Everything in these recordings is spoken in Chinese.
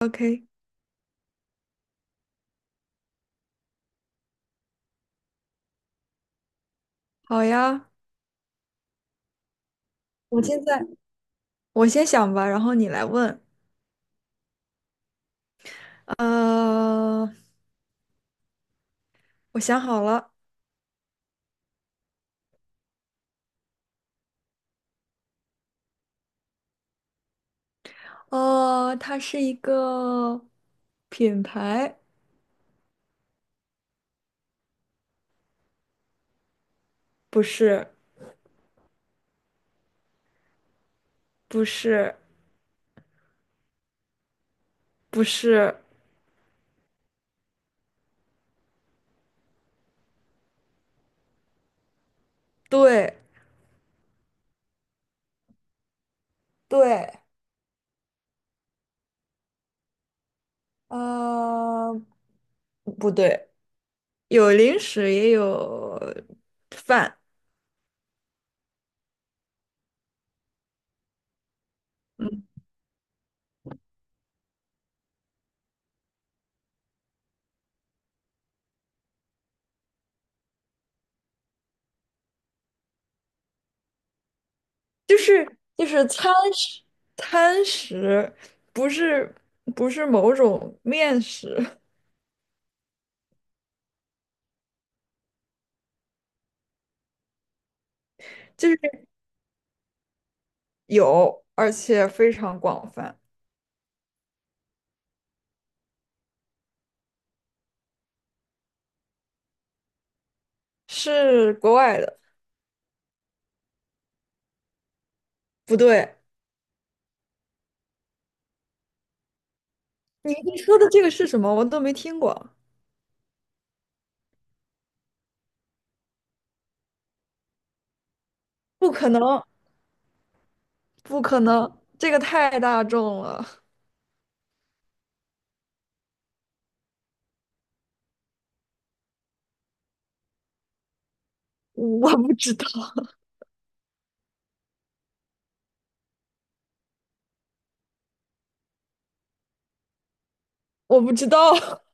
OK，好呀，我现在我先想吧，然后你来问。呃，我想好了，它是一个品牌。不是，不是，不是。对。对。呃，不对，有零食也有饭。嗯，就是餐食，餐食，不是不是某种面食。就是。有，而且非常广泛。是国外的。不对，你说的这个是什么？我都没听过。不可能，不可能，这个太大众了。我不知道，我不知道，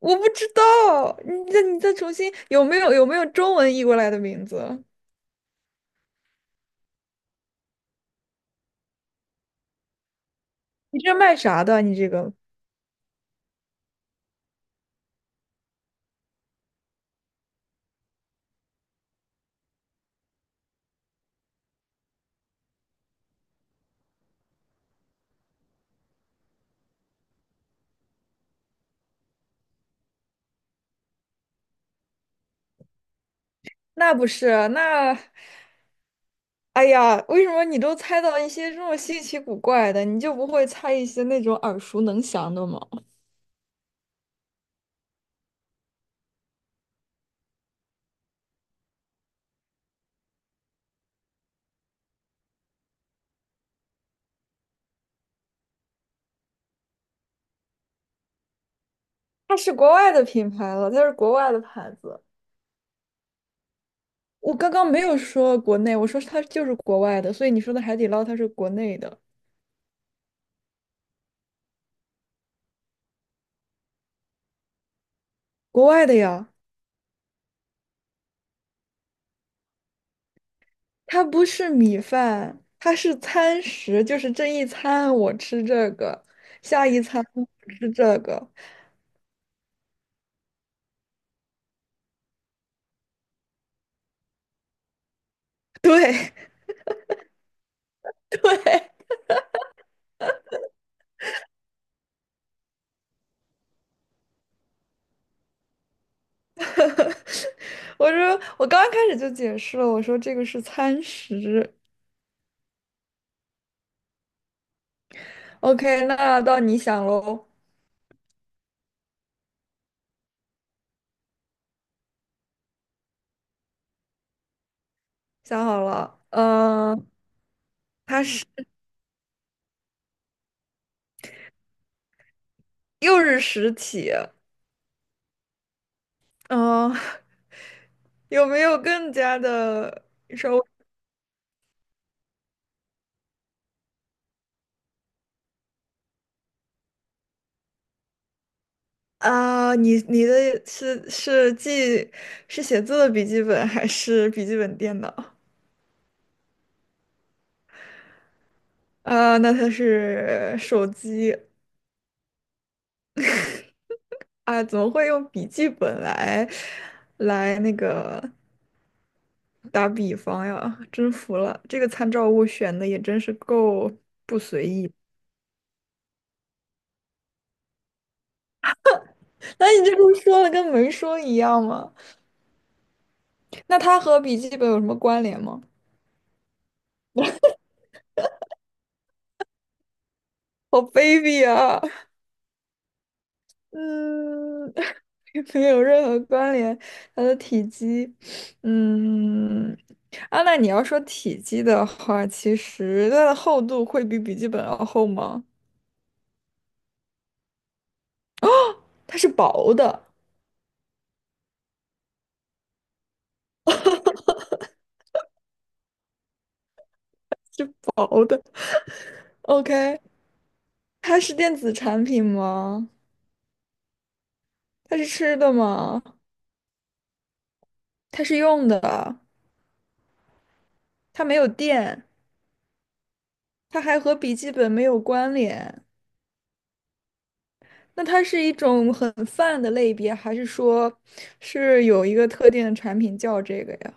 我不知道。你再重新，有没有中文译过来的名字？你这卖啥的？你这个那不是那？哎呀，为什么你都猜到一些这么稀奇古怪的，你就不会猜一些那种耳熟能详的吗？它是国外的品牌了，它是国外的牌子。我刚刚没有说国内，我说它就是国外的，所以你说的海底捞它是国内的。国外的呀，它不是米饭，它是餐食，就是这一餐我吃这个，下一餐我吃这个。对，我说我刚刚开始就解释了，我说这个是餐食。OK，那到你想喽。想好了，它是又是实体。嗯、有没有更加的说啊？你的是记是写字的笔记本还是笔记本电脑？啊，那它是手机啊？怎么会用笔记本来来那个打比方呀？真服了，这个参照物选的也真是够。那你这不是说了跟没说一样吗？那它和笔记本有什么关联吗？好卑鄙啊！嗯，没有任何关联。它的体积，嗯，啊，那你要说体积的话，其实它的厚度会比笔记本要厚吗？它是薄的，薄的。OK，它是电子产品吗？它是吃的吗？它是用的，它没有电，它还和笔记本没有关联。那它是一种很泛的类别，还是说是有一个特定的产品叫这个呀？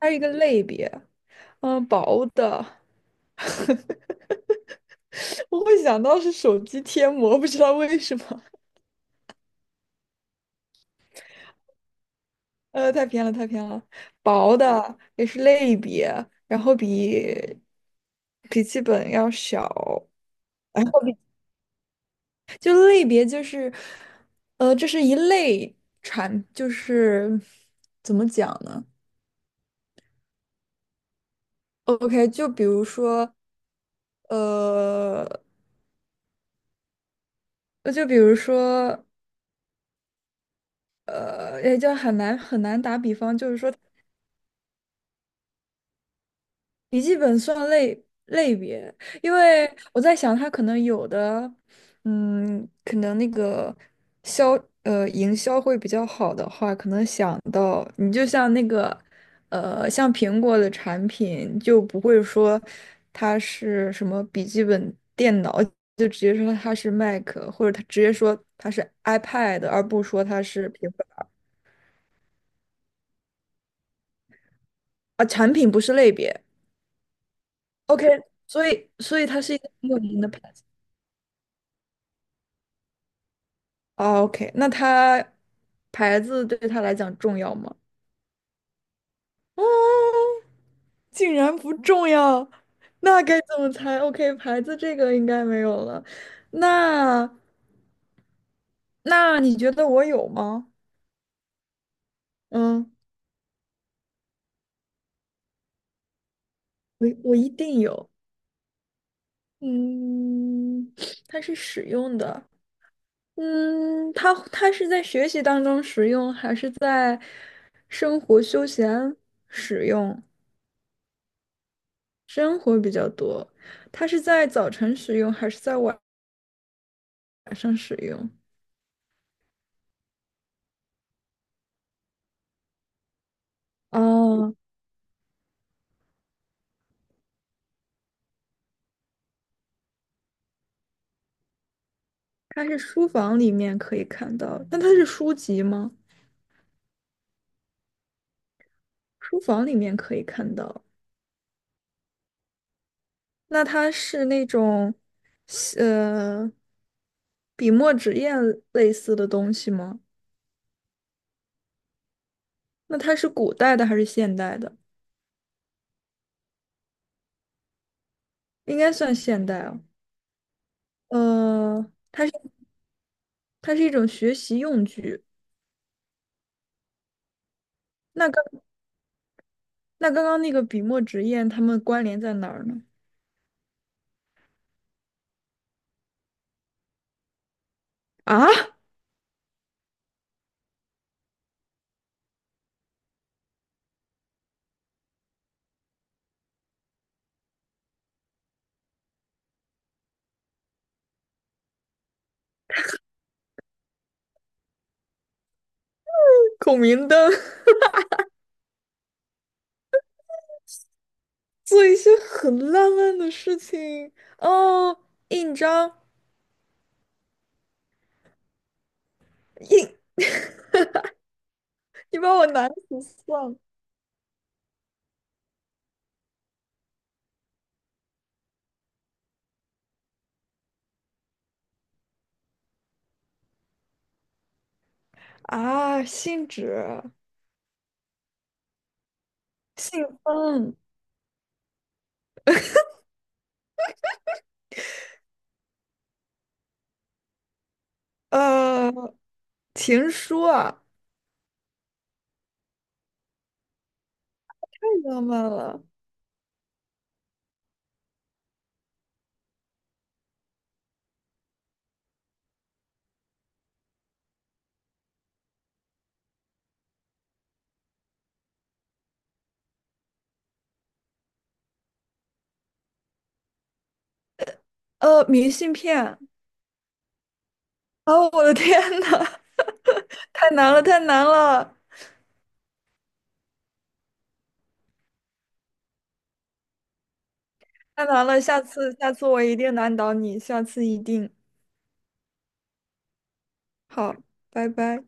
还有一个类别，嗯，薄的，我会想到是手机贴膜，不知道为什么。太偏了，太偏了。薄的也是类别，然后比笔记本要小，然后就类别就是，这是一类产，就是怎么讲呢？OK，就比如说，呃，就比如说，也就很难很难打比方，就是说。笔记本算类别，因为我在想，它可能有的，嗯，可能那个销营销会比较好的话，可能想到你就像那个像苹果的产品就不会说它是什么笔记本电脑，就直接说它是 Mac，或者它直接说它是 iPad，而不说它是平板儿啊，产品不是类别。OK，所以它是一个很有名的牌。子。哦，OK，那他牌子对他来讲重要吗？啊，竟然不重要，那该怎么猜？OK，牌子这个应该没有了。那那你觉得我有吗？嗯，我一定有。嗯，它是使用的。嗯，它是在学习当中使用，还是在生活休闲使用？生活比较多。它是在早晨使用还是在晚上使用？哦，它是书房里面可以看到，那它是书籍吗？书房里面可以看到，那它是那种，呃，笔墨纸砚类似的东西吗？那它是古代的还是现代的？应该算现代哦。呃，它是它是一种学习用具。那刚那刚刚那个笔墨纸砚，它们关联在哪儿呢？啊？孔明灯，做一些很浪漫的事情哦。印章，印，你把我难死算了啊！信纸、信封，呃，情书啊，太浪漫了。明信片，哦，我的天呐，太难了，太难了，太难了！下次，下次我一定难倒你，下次一定。好，拜拜。